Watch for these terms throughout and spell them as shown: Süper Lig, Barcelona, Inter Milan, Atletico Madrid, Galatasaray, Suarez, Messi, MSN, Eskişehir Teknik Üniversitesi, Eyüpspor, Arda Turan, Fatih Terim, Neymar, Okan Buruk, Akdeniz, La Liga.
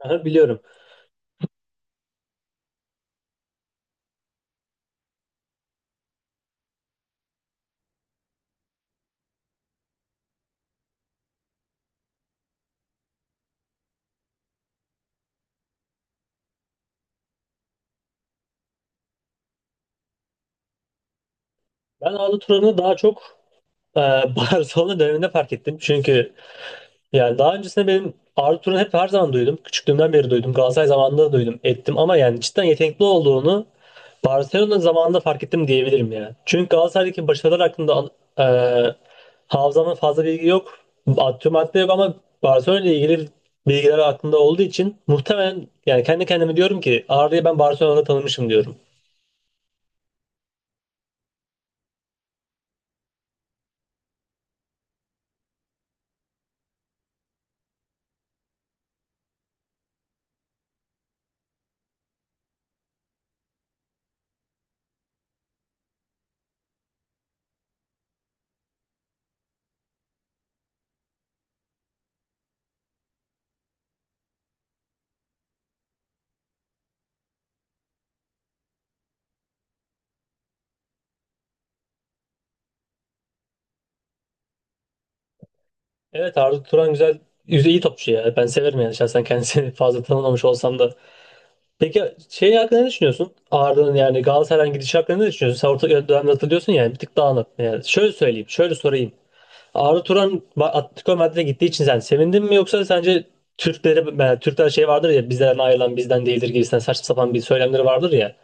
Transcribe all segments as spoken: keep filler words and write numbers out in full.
Aha, biliyorum. Ben Arda Turan'ı daha çok e, Barcelona döneminde fark ettim. Çünkü yani daha öncesinde benim Arda Turan'ı hep her zaman duydum. Küçüklüğümden beri duydum. Galatasaray zamanında da duydum, ettim. Ama yani cidden yetenekli olduğunu Barcelona zamanında fark ettim diyebilirim ya. Çünkü Galatasaray'daki başarılar hakkında e, hafızamda fazla bilgi yok. Atıyorum madde yok ama Barcelona ile ilgili bilgiler aklımda olduğu için muhtemelen yani kendi kendime diyorum ki Arda'yı ben Barcelona'da tanımışım diyorum. Evet, Arda Turan güzel yüzeyi topçu ya. Ben severim yani şahsen kendisini fazla tanımamış olsam da. Peki şey hakkında ne düşünüyorsun? Arda'nın yani Galatasaray'ın gidişi hakkında ne düşünüyorsun? Sen orta dönemde hatırlıyorsun yani bir tık dağınık. Yani şöyle söyleyeyim, şöyle sorayım. Arda Turan Ba- Atletico Madrid'e gittiği için sen sevindin mi yoksa sence Türkleri yani Türkler şey vardır ya, bizden ayrılan bizden değildir gibisinden saçma sapan bir söylemleri vardır ya.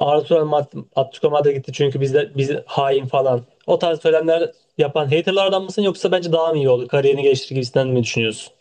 Arda Turan Mad- Atletico Madrid'e gitti çünkü bizde biz hain falan. O tarz söylemler yapan haterlardan mısın yoksa bence daha mı iyi oldu? Kariyerini geliştirir gibisinden mi düşünüyorsun?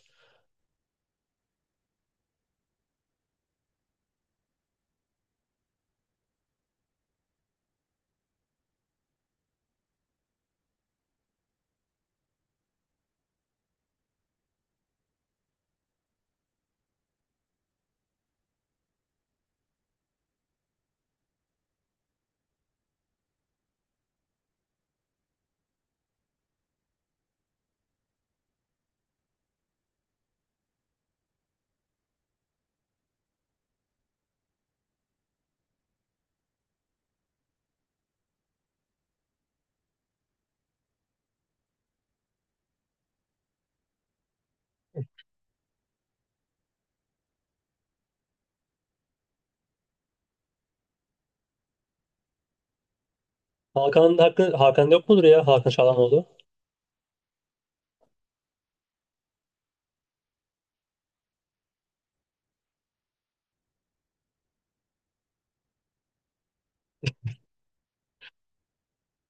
Hakan'ın hakkı Hakan yok mudur ya? Hakan Çalhanoğlu.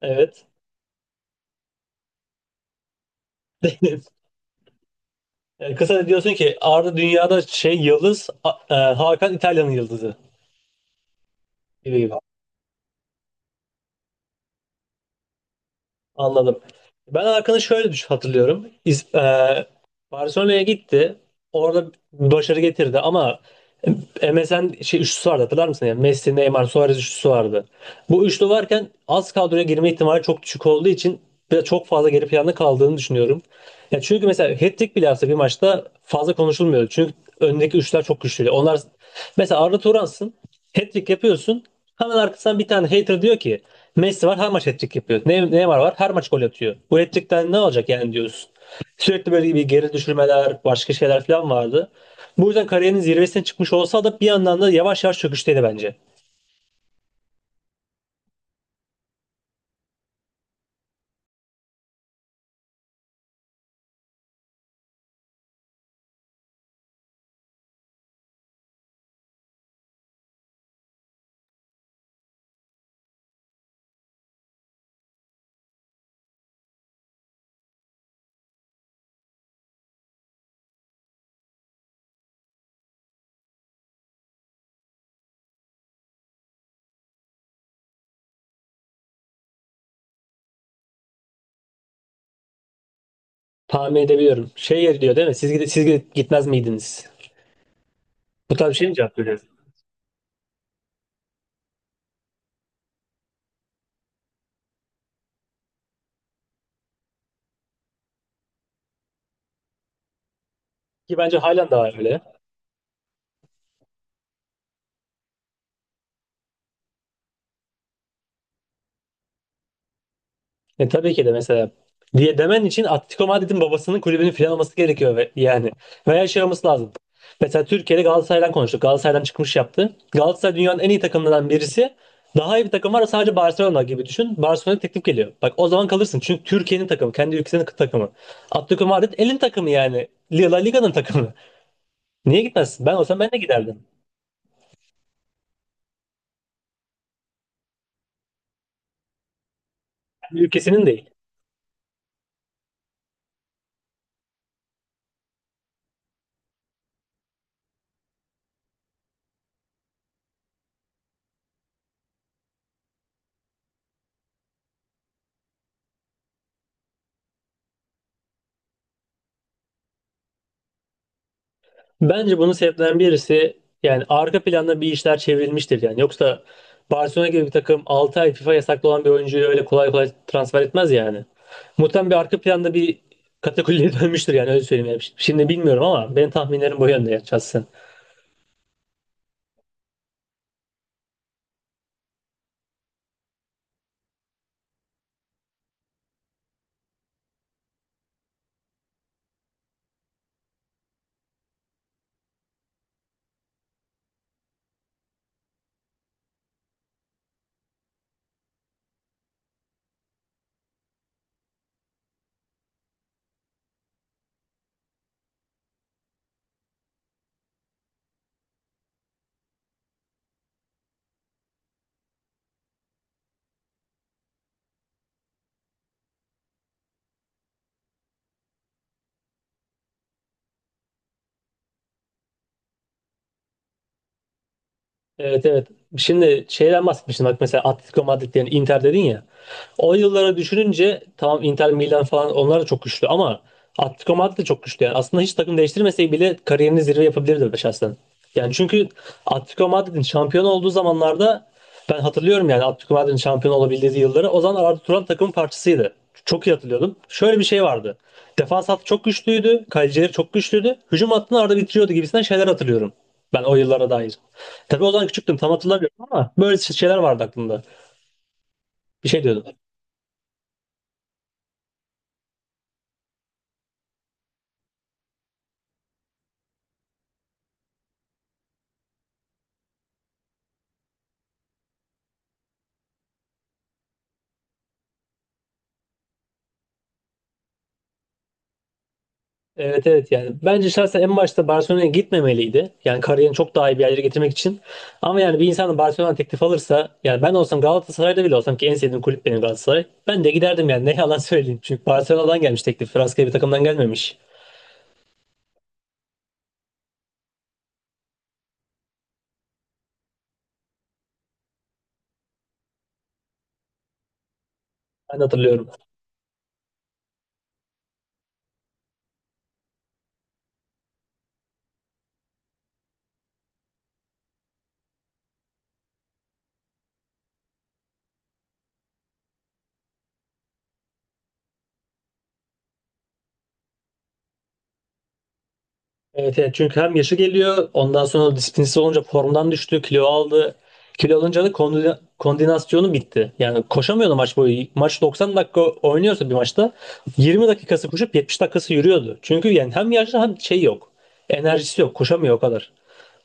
Evet. E, Kısa diyorsun ki Arda dünyada şey yıldız, A- e, Hakan İtalya'nın yıldızı gibi gibi. Anladım. Ben Arkan'ı şöyle düş hatırlıyorum. İz, e, Barcelona'ya gitti. Orada başarı getirdi ama M S N şey üçlüsü vardı, hatırlar mısın? Yani Messi, Neymar, Suarez üçlüsü vardı. Bu üçlü varken az kadroya girme ihtimali çok düşük olduğu için biraz çok fazla geri planda kaldığını düşünüyorum. Ya çünkü mesela hat-trick bile yapsa bir maçta fazla konuşulmuyor. Çünkü öndeki üçler çok güçlü. Onlar mesela Arda Turan'sın. Hat-trick yapıyorsun. Hemen arkasından bir tane hater diyor ki Messi var her maç hat-trick yapıyor. Ne- Neymar var her maç gol atıyor. Bu hat-trick'ten ne olacak yani diyorsun. Sürekli böyle bir geri düşürmeler, başka şeyler falan vardı. Bu yüzden kariyerinin zirvesine çıkmış olsa da bir yandan da yavaş yavaş çöküşteydi bence. Tahmin edebiliyorum. Şey diyor değil mi? Siz, gide- siz gitmez miydiniz? Bu tarz bir şey mi cevap veriyoruz? Ki bence halen daha öyle. E, tabii ki de mesela diye demen için Atletico Madrid'in babasının kulübünün filan olması gerekiyor ve, yani. Veya şey olması lazım. Mesela Türkiye'de Galatasaray'dan konuştuk. Galatasaray'dan çıkmış yaptı. Galatasaray dünyanın en iyi takımlarından birisi. Daha iyi bir takım var sadece Barcelona gibi düşün. Barcelona'ya teklif geliyor. Bak o zaman kalırsın. Çünkü Türkiye'nin takımı. Kendi ülkesinin takımı. Atletico Madrid elin takımı yani. La Liga'nın takımı. Niye gitmezsin? Ben olsam ben de giderdim. Kendi ülkesinin değil. Bence bunun sebeplerinden birisi yani arka planda bir işler çevrilmiştir yani. Yoksa Barcelona gibi bir takım altı ay FIFA yasaklı olan bir oyuncuyu öyle kolay kolay transfer etmez yani. Muhtemelen bir arka planda bir katakulliye dönmüştür yani öyle söyleyeyim. Yani şimdi bilmiyorum ama benim tahminlerim bu yönde ya şahsen. Evet, evet. Şimdi şeyden bahsetmiştin bak mesela Atletico Madrid yani Inter dedin ya. O yıllara düşününce tamam Inter Milan falan onlar da çok güçlü ama Atletico Madrid de çok güçlü yani. Aslında hiç takım değiştirmeseydi bile kariyerini zirve yapabilirdi be şahsen. Yani çünkü Atletico Madrid'in şampiyon olduğu zamanlarda ben hatırlıyorum yani Atletico Madrid'in şampiyon olabildiği yılları o zaman Arda Turan takımın parçasıydı. Çok iyi hatırlıyordum. Şöyle bir şey vardı. Defans hattı çok güçlüydü. Kalecileri çok güçlüydü. Hücum hattını Arda bitiriyordu gibisinden şeyler hatırlıyorum. Ben o yıllara dair. Tabii o zaman küçüktüm tam hatırlamıyorum ama böyle şey- şeyler vardı aklımda. Bir şey diyordum. Evet, evet yani. Bence şahsen en başta Barcelona'ya gitmemeliydi. Yani kariyerini çok daha iyi bir yerlere getirmek için. Ama yani bir insan da Barcelona teklif alırsa yani ben olsam Galatasaray'da bile olsam ki en sevdiğim kulüp benim Galatasaray. Ben de giderdim yani ne yalan söyleyeyim. Çünkü Barcelona'dan gelmiş teklif. Fransız bir takımdan gelmemiş. Ben de hatırlıyorum. Evet, evet, çünkü hem yaşı geliyor ondan sonra disiplinsiz olunca formdan düştü, kilo aldı. Kilo alınca da kondi- koordinasyonu bitti. Yani koşamıyordu maç boyu. Maç doksan dakika oynuyorsa bir maçta yirmi dakikası koşup yetmiş dakikası yürüyordu. Çünkü yani hem yaşlı hem şey yok. Enerjisi yok. Koşamıyor o kadar.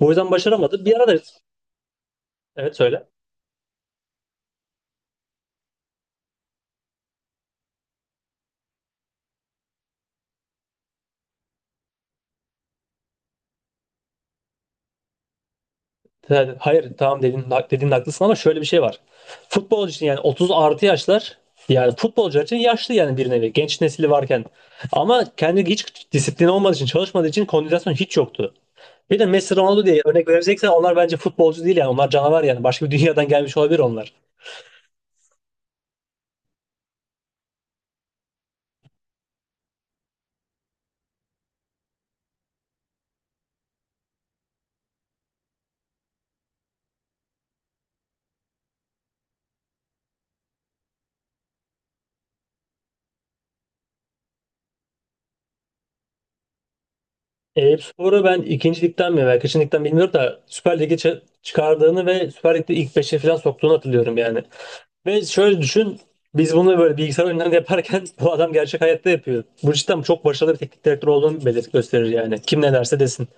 Bu yüzden başaramadı. Bir ara da evet, söyle. Yani hayır, tamam, dedin, dediğin haklısın ama şöyle bir şey var. Futbol için yani otuz artı yaşlar yani futbolcular için yaşlı yani bir nevi genç nesili varken. Ama kendi hiç disiplin olmadığı için çalışmadığı için kondisyon hiç yoktu. Bir de Messi Ronaldo diye örnek vereceksen onlar bence futbolcu değil yani onlar canavar yani başka bir dünyadan gelmiş olabilir onlar. Eyüpspor'u ben ikincilikten mi veya kaçıncılıktan bilmiyorum da Süper Lig'e çı- çıkardığını ve Süper Lig'de ilk beşe falan soktuğunu hatırlıyorum yani. Ve şöyle düşün. Biz bunu böyle bilgisayar oyunlarında yaparken bu adam gerçek hayatta yapıyor. Bu cidden çok başarılı bir teknik direktör olduğunu belir, gösterir yani. Kim ne derse desin.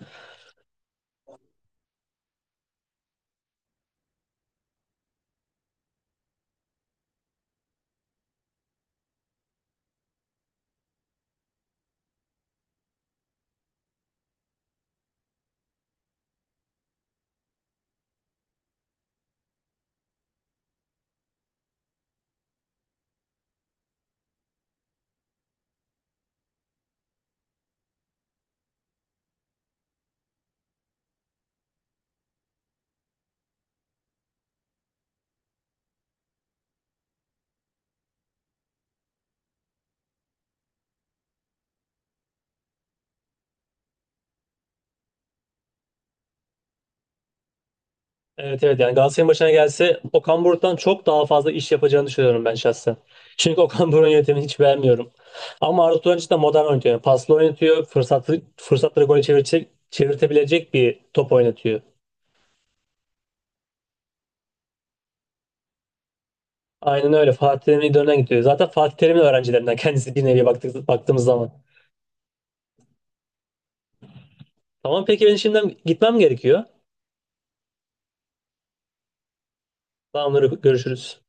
Evet, evet yani Galatasaray'ın başına gelse Okan Buruk'tan çok daha fazla iş yapacağını düşünüyorum ben şahsen. Çünkü Okan Buruk'un yönetimini hiç beğenmiyorum. Ama Arda Turan cidden modern oynatıyor. Yani paslı oynatıyor. Fırsatlı, fırsatları gole çevirecek, çevirtebilecek bir top oynatıyor. Aynen öyle. Fatih Terim'in idolünden gidiyor. Zaten Fatih Terim'in öğrencilerinden kendisi bir nevi baktık, baktığımız zaman. Tamam peki, ben şimdiden gitmem gerekiyor. Tamamdır. Görüşürüz.